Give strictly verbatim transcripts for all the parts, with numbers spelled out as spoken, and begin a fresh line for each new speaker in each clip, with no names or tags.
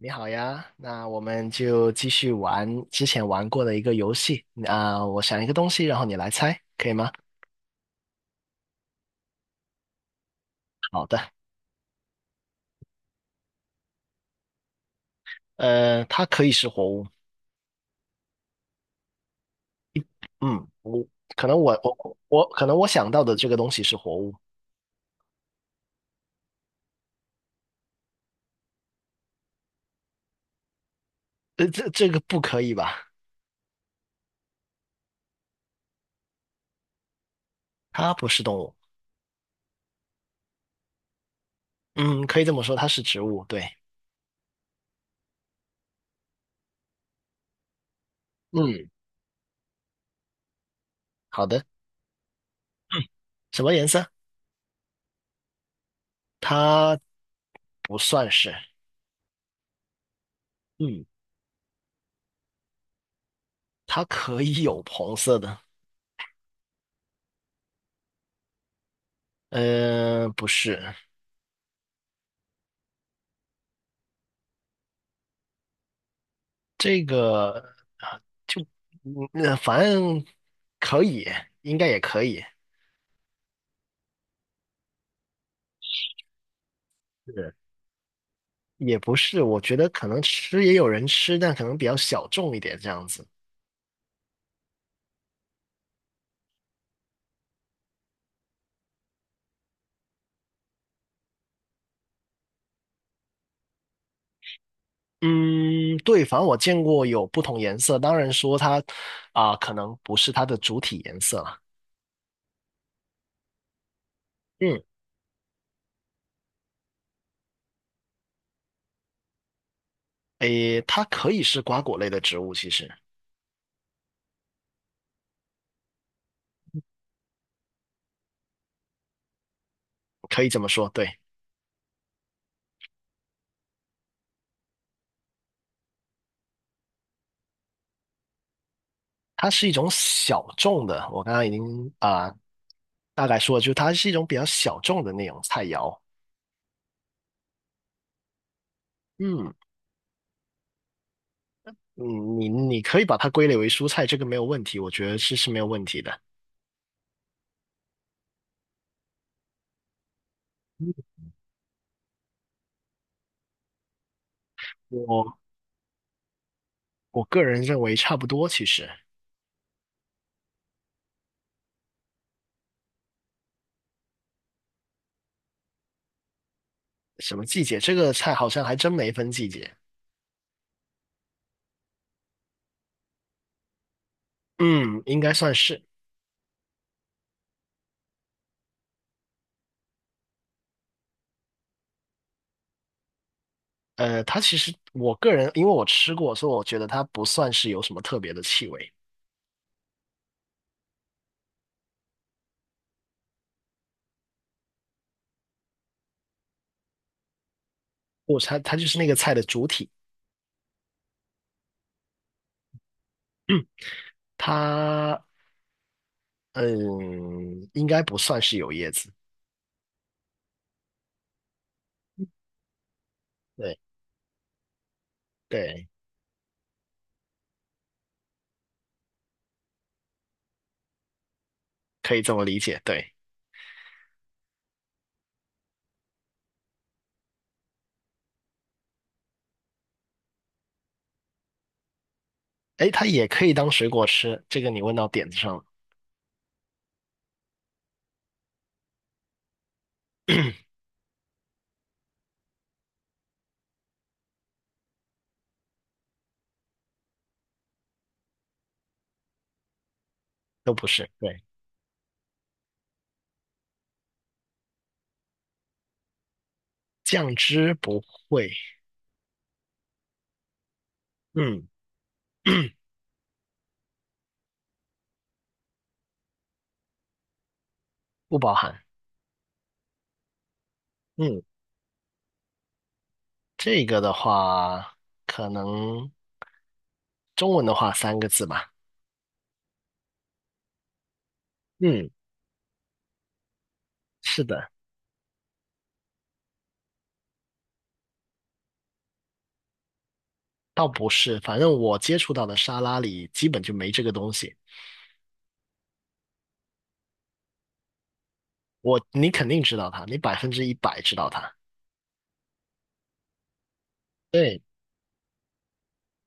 你好呀，那我们就继续玩之前玩过的一个游戏。啊、我想一个东西，然后你来猜，可以吗？好的。呃，它可以是活物。嗯，我可能我我我可能我想到的这个东西是活物。呃，这这个不可以吧？它不是动物。嗯，可以这么说，它是植物。对。嗯，好的。嗯，什么颜色？它不算是。嗯，它可以有红色的。呃，不是。这个啊，就嗯，呃反正可以，应该也可以。是，也不是，我觉得可能吃也有人吃，但可能比较小众一点这样子。嗯，对，反正我见过有不同颜色，当然说它啊，可能不是它的主体颜色了。嗯。诶，它可以是瓜果类的植物，其实可以这么说。对，它是一种小众的。我刚刚已经啊，大概说了，就是它是一种比较小众的那种菜肴。嗯。嗯，你你可以把它归类为蔬菜，这个没有问题，我觉得是是没有问题的。我我个人认为差不多，其实什么季节，这个菜好像还真没分季节。嗯，应该算是。呃，它其实我个人因为我吃过，所以我觉得它不算是有什么特别的气味。不，它它就是那个菜的主体。嗯它嗯应该不算是有叶子。对。对，可以这么理解。对。哎，它也可以当水果吃，这个你问到点子上了。都不是。对。酱汁不会。嗯，不包含。嗯，这个的话，可能中文的话三个字吧。嗯。是的。倒不是，反正我接触到的沙拉里基本就没这个东西。我，你肯定知道它，你百分之一百知道它。对。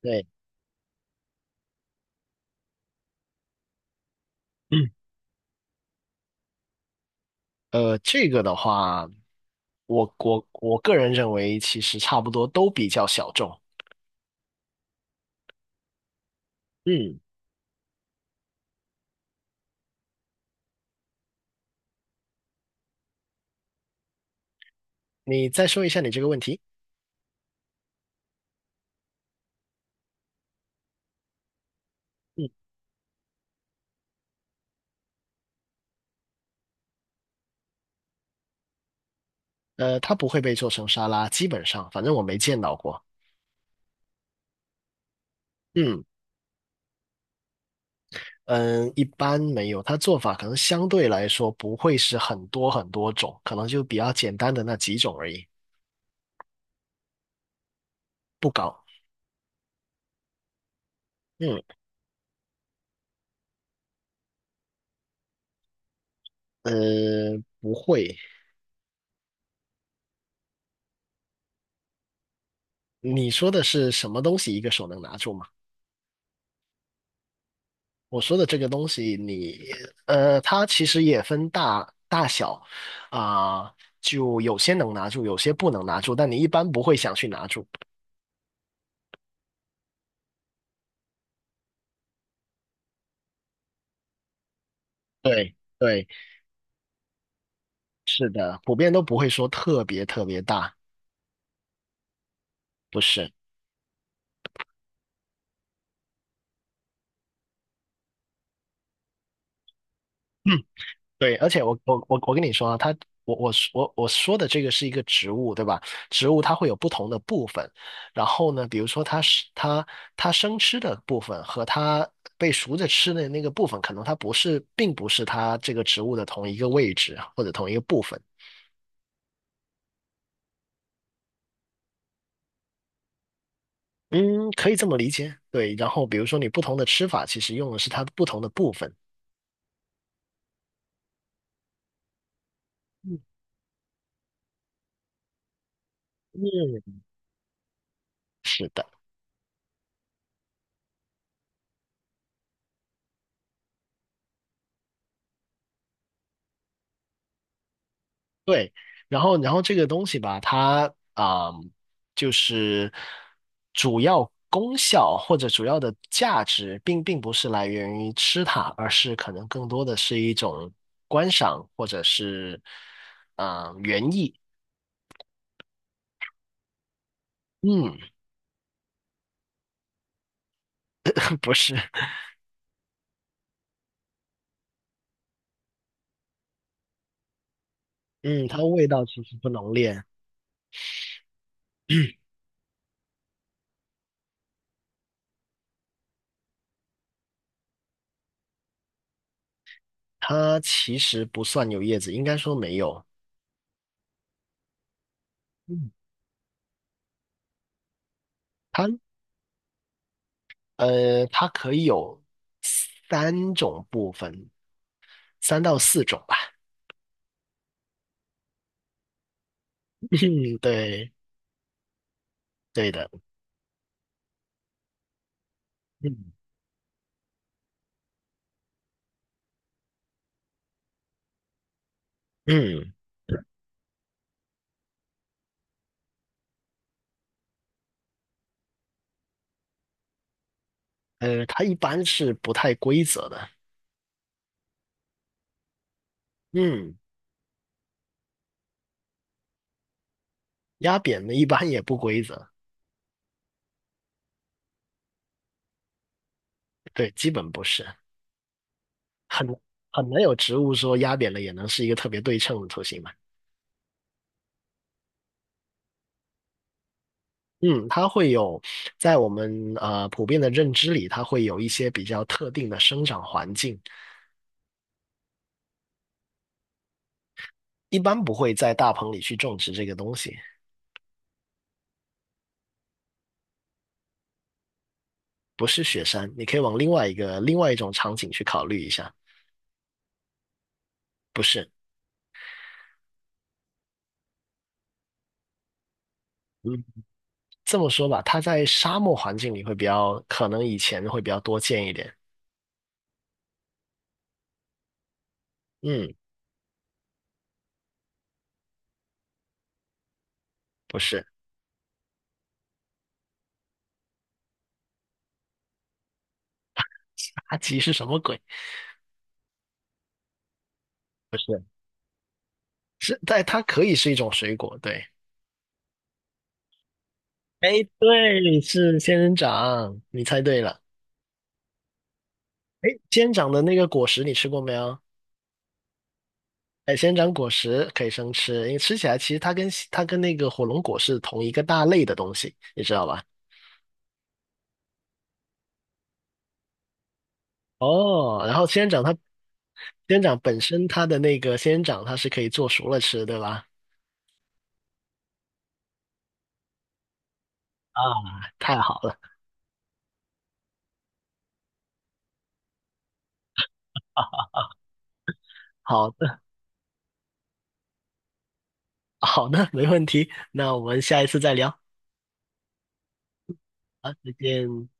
对。嗯，呃，这个的话，我我我个人认为，其实差不多都比较小众。嗯。你再说一下你这个问题。嗯。呃，它不会被做成沙拉，基本上，反正我没见到过。嗯嗯，一般没有，它做法可能相对来说不会是很多很多种，可能就比较简单的那几种而已。不高。嗯。呃，不会。你说的是什么东西一个手能拿住吗？我说的这个东西你，呃，它其实也分大大小啊，就有些能拿住，有些不能拿住，但你一般不会想去拿住。对。对。是的，普遍都不会说特别特别大。不是。嗯。对，而且我我我我跟你说啊，它我我我我说的这个是一个植物，对吧？植物它会有不同的部分，然后呢，比如说它是它它生吃的部分和它被熟着吃的那个部分，可能它不是，并不是它这个植物的同一个位置或者同一个部分。嗯，可以这么理解。对，然后比如说你不同的吃法，其实用的是它不同的部分。嗯，是的。对，然后然后这个东西吧，它啊、就是主要功效或者主要的价值，并并不是来源于吃它，而是可能更多的是一种观赏或者是啊、园艺。嗯。不是。嗯，它味道其实不浓烈。它其实不算有叶子，应该说没有。嗯，它呃，它可以有三种部分，三到四种吧。嗯，对。对的。嗯嗯，呃，它一般是不太规则的。嗯，压扁的一般也不规则。对，基本不是。很很难有植物说压扁了也能是一个特别对称的图形嘛。嗯，它会有在我们呃普遍的认知里，它会有一些比较特定的生长环境。一般不会在大棚里去种植这个东西。不是雪山，你可以往另外一个另外一种场景去考虑一下。不是。嗯。这么说吧，它在沙漠环境里会比较，可能以前会比较多见一点。嗯。不是。阿吉是什么鬼？不是。是，但它可以是一种水果，对。哎，对，是仙人掌，你猜对了。哎，仙人掌的那个果实你吃过没有？哎，仙人掌果实可以生吃，因为吃起来其实它跟它跟那个火龙果是同一个大类的东西，你知道吧？哦，然后仙人掌它，仙人掌本身它的那个仙人掌它是可以做熟了吃，对吧？啊，太好了。好的。好的，没问题。那我们下一次再聊。好，再见。